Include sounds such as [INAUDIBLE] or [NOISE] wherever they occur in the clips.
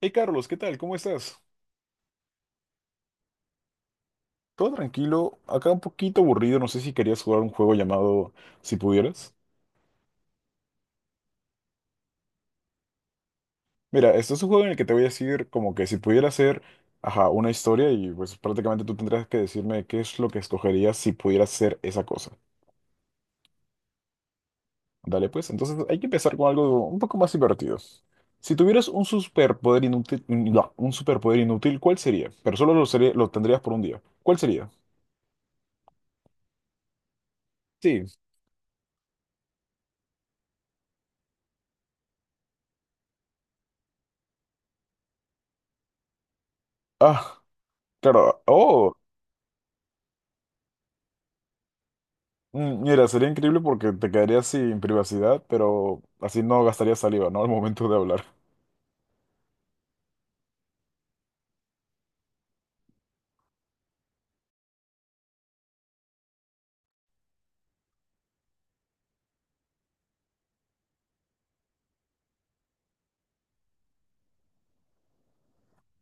Hey Carlos, ¿qué tal? ¿Cómo estás? Todo tranquilo, acá un poquito aburrido, no sé si querías jugar un juego llamado Si pudieras. Mira, este es un juego en el que te voy a decir como que si pudiera hacer, ajá, una historia y pues prácticamente tú tendrás que decirme qué es lo que escogerías si pudieras hacer esa cosa. Dale pues, entonces hay que empezar con algo un poco más divertido. Si tuvieras un superpoder inútil, no, un superpoder inútil, ¿cuál sería? Pero solo lo, sería- lo tendrías por un día. ¿Cuál sería? Sí. Ah, claro. Oh. Mira, sería increíble porque te quedarías sin privacidad, pero así no gastarías saliva, ¿no? [LAUGHS] Al momento de hablar.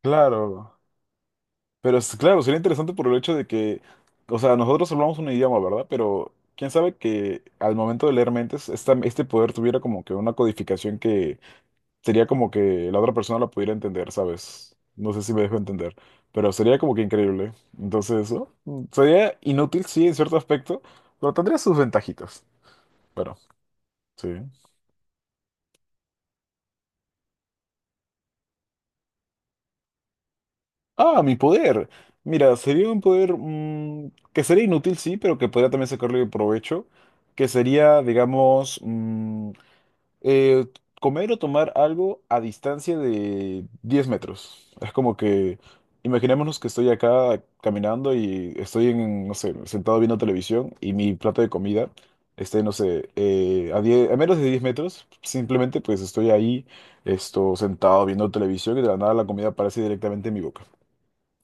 Claro, pero es, claro, sería interesante por el hecho de que, o sea, nosotros hablamos un idioma, ¿verdad? Pero quién sabe que al momento de leer mentes, este poder tuviera como que una codificación que sería como que la otra persona la pudiera entender, ¿sabes? No sé si me dejo entender, pero sería como que increíble. Entonces, ¿no? Sería inútil, sí, en cierto aspecto, pero tendría sus ventajitas. Pero, sí. Ah, mi poder. Mira, sería un poder que sería inútil, sí, pero que podría también sacarle provecho, que sería, digamos, eh, comer o tomar algo a distancia de 10 metros. Es como que, imaginémonos que estoy acá caminando y estoy en, no sé, sentado viendo televisión y mi plato de comida esté, no sé, a menos de 10 metros, simplemente pues estoy ahí, esto, sentado viendo televisión y de la nada la comida aparece directamente en mi boca.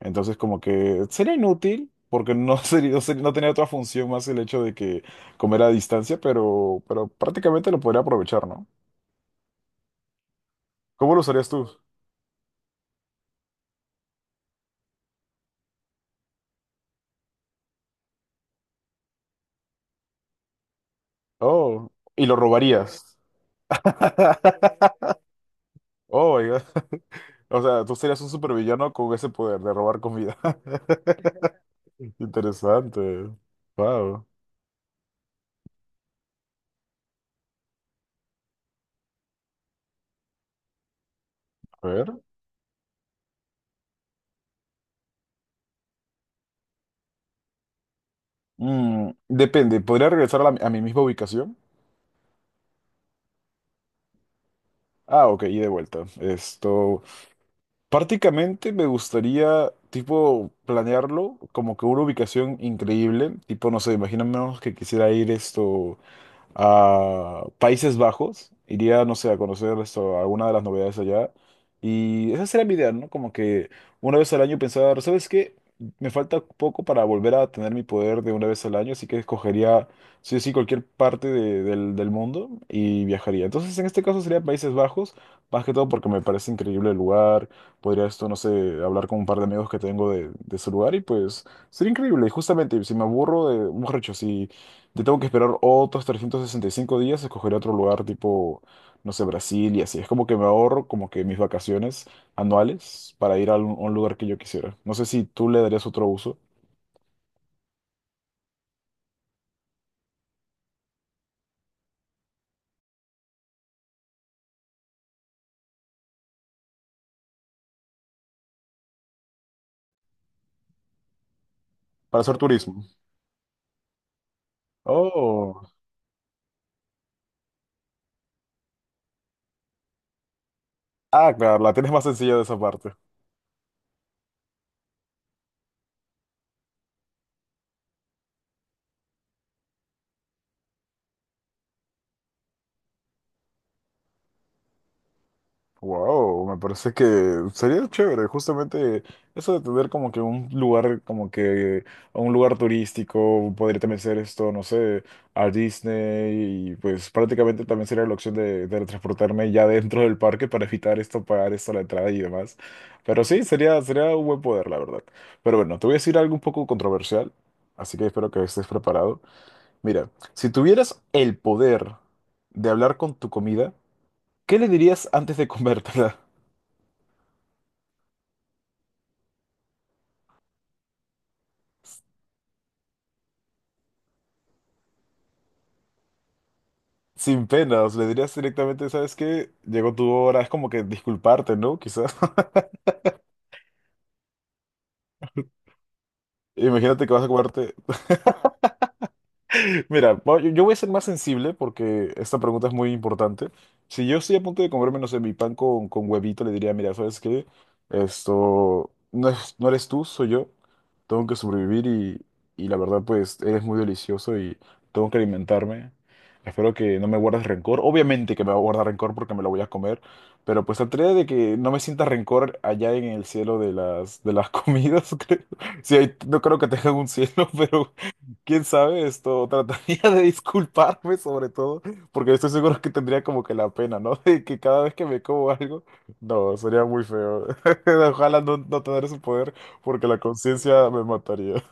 Entonces, como que sería inútil, porque no [LAUGHS] sería- no tenía otra función más el hecho de que comer a distancia, pero prácticamente lo podría aprovechar, ¿no? ¿Cómo lo usarías tú? Oh, y lo robarías. [LAUGHS] Oh, my God. O sea, tú serías un supervillano con ese poder de robar comida. [LAUGHS] Interesante. Wow. A ver. Depende, ¿podría regresar a, a mi misma ubicación? Ah, ok, y de vuelta. Esto. Prácticamente me gustaría, tipo, planearlo como que una ubicación increíble, tipo, no sé, imaginemos que quisiera ir esto a Países Bajos, iría, no sé, a conocer esto, alguna de las novedades allá. Y esa sería mi idea, ¿no? Como que una vez al año pensar, ¿sabes qué? Me falta poco para volver a tener mi poder de una vez al año, así que escogería, sí o sí, cualquier parte del mundo y viajaría. Entonces, en este caso sería Países Bajos, más que todo porque me parece increíble el lugar. Podría esto, no sé, hablar con un par de amigos que tengo de ese lugar y pues sería increíble. Y justamente, si me aburro de, borracho, yo tengo que esperar otros 365 días, escogeré otro lugar tipo, no sé, Brasil y así. Es como que me ahorro como que mis vacaciones anuales para ir a un lugar que yo quisiera. No sé si tú le darías otro uso para hacer turismo. Oh, ah, claro, la tienes más sencilla de esa parte. Wow, me parece que sería chévere, justamente eso de tener como que un lugar, como que un lugar turístico, podría también ser esto, no sé, a Disney, y pues prácticamente también sería la opción de transportarme ya dentro del parque para evitar esto, pagar esto la entrada y demás. Pero sí, sería, sería un buen poder, la verdad. Pero bueno, te voy a decir algo un poco controversial, así que espero que estés preparado. Mira, si tuvieras el poder de hablar con tu comida, ¿qué le dirías antes de comértela? Sin penas, le dirías directamente, ¿sabes qué? Llegó tu hora, es como que disculparte, ¿no? Quizás. [LAUGHS] Imagínate que vas a comerte Mira, yo voy a ser más sensible porque esta pregunta es muy importante. Si yo estoy a punto de comerme, no sé, mi pan con huevito, le diría, mira, ¿sabes qué? Esto no eres tú, soy yo. Tengo que sobrevivir y la verdad, pues, eres muy delicioso y tengo que alimentarme. Espero que no me guardes rencor. Obviamente que me va a guardar rencor porque me lo voy a comer, pero pues trataré de que no me sienta rencor allá en el cielo de las comidas, [LAUGHS] creo. Sí, ahí- no creo que tengan un cielo, [LAUGHS] pero Quién sabe, esto [LAUGHS] trataría de disculparme sobre todo, porque estoy seguro que tendría como que la pena, ¿no? [LAUGHS] De que cada vez que me como algo, no, sería muy feo. [LAUGHS] Ojalá no, no tener ese poder, porque la conciencia me mataría.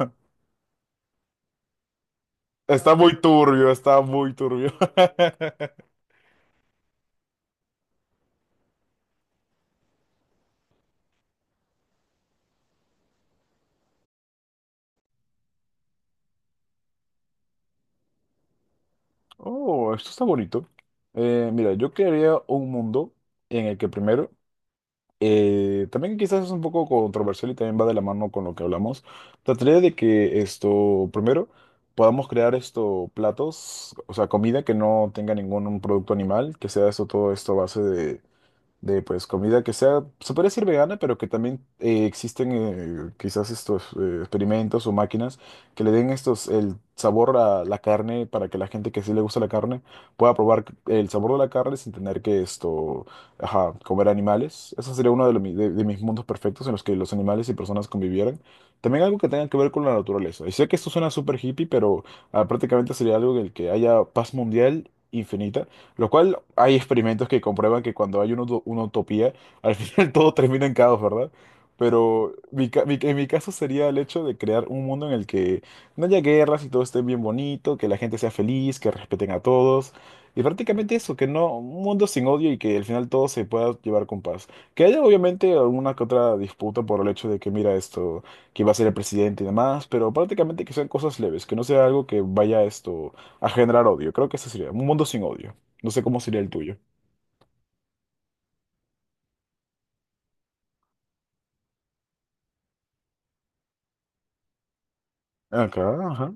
[LAUGHS] Está muy turbio, está muy turbio. [LAUGHS] Oh, esto está bonito. Mira, yo crearía un mundo en el que primero también quizás es un poco controversial y también va de la mano con lo que hablamos. Trataría de que esto, primero, podamos crear esto platos, o sea, comida que no tenga ningún un producto animal, que sea esto todo esto a base de pues comida que sea, se puede decir vegana, pero que también existen quizás estos experimentos o máquinas que le den estos el sabor a la carne para que la gente que sí le gusta la carne pueda probar el sabor de la carne sin tener que esto, ajá, comer animales. Eso sería uno de, de mis mundos perfectos en los que los animales y personas convivieran. También algo que tenga que ver con la naturaleza. Y sé que esto suena súper hippie, pero prácticamente sería algo en el que haya paz mundial infinita lo cual hay experimentos que comprueban que cuando hay una, una utopía, al [LAUGHS] final todo termina en caos, ¿verdad? Pero en mi caso sería el hecho de crear un mundo en el que no haya guerras y todo esté bien bonito, que la gente sea feliz, que respeten a todos. Y prácticamente eso, que no, un mundo sin odio y que al final todo se pueda llevar con paz. Que haya obviamente alguna que otra disputa por el hecho de que mira esto, que va a ser el presidente y demás, pero prácticamente que sean cosas leves, que no sea algo que vaya esto a generar odio. Creo que ese sería un mundo sin odio. No sé cómo sería el tuyo. Acá, ajá.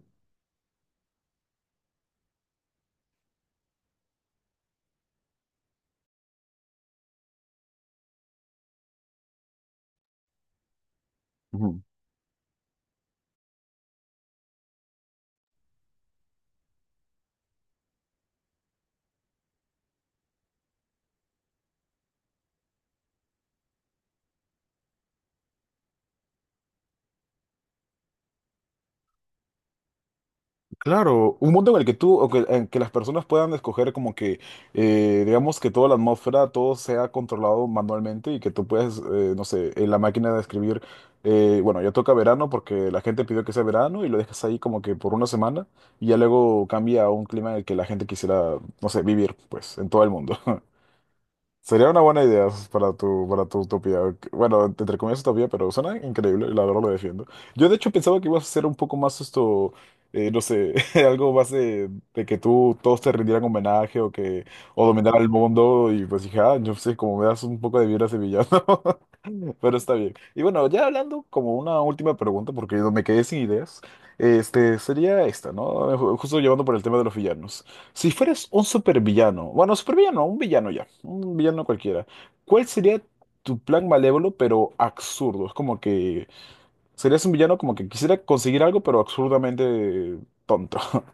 Ujú. Claro, un mundo en el que tú, o que, en que las personas puedan escoger como que, digamos que toda la atmósfera, todo sea controlado manualmente y que tú puedes, no sé, en la máquina de escribir, bueno, ya toca verano porque la gente pidió que sea verano y lo dejas ahí como que por una semana y ya luego cambia a un clima en el que la gente quisiera, no sé, vivir, pues, en todo el mundo. [LAUGHS] Sería una buena idea para tu utopía. Bueno, entre comillas utopía, pero suena increíble, y la verdad lo defiendo. Yo de hecho pensaba que ibas a hacer un poco más esto, no sé, [LAUGHS] algo más de que tú todos te rindieran homenaje o que o dominaran el mundo y pues dije, ah, yo sé, como me das un poco de vibra sevillano. Pero está bien. Y bueno, ya hablando como una última pregunta, porque me quedé sin ideas, este, sería esta, ¿no? Justo llevando por el tema de los villanos. Si fueras un supervillano, bueno, supervillano, un villano ya, un villano cualquiera, ¿cuál sería tu plan malévolo pero absurdo? Es como que serías un villano como que quisiera conseguir algo pero absurdamente tonto. [LAUGHS]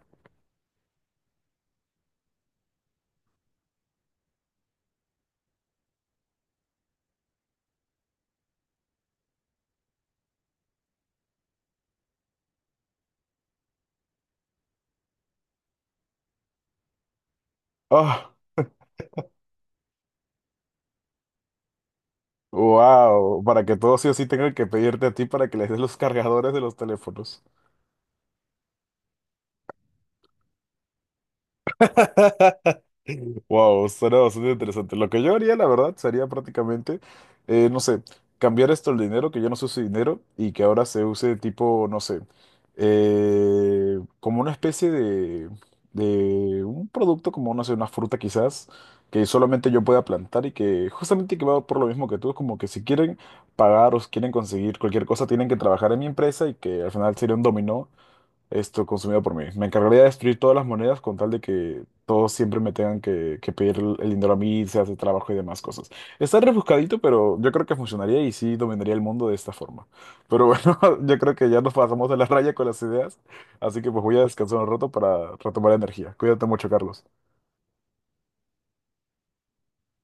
Ah, wow, para que todos sí o sí tengan que pedirte a ti para que les des los cargadores de los teléfonos. Wow, suena bastante interesante. Lo que yo haría, la verdad, sería prácticamente, no sé, cambiar esto el dinero, que ya no se use dinero, y que ahora se use tipo, no sé, como una especie de un producto, como, no sé, una fruta quizás, que solamente yo pueda plantar y que justamente que va por lo mismo que tú, es como que si quieren pagar o si quieren conseguir cualquier cosa, tienen que trabajar en mi empresa y que al final sería un dominó esto consumido por mí. Me encargaría de destruir todas las monedas con tal de que todos siempre me tengan que pedir el dinero a mí, se hace trabajo y demás cosas. Está rebuscadito, pero yo creo que funcionaría y sí dominaría el mundo de esta forma. Pero bueno, [LAUGHS] yo creo que ya nos pasamos de la raya con las ideas, así que pues voy a descansar un rato para retomar energía. Cuídate mucho, Carlos.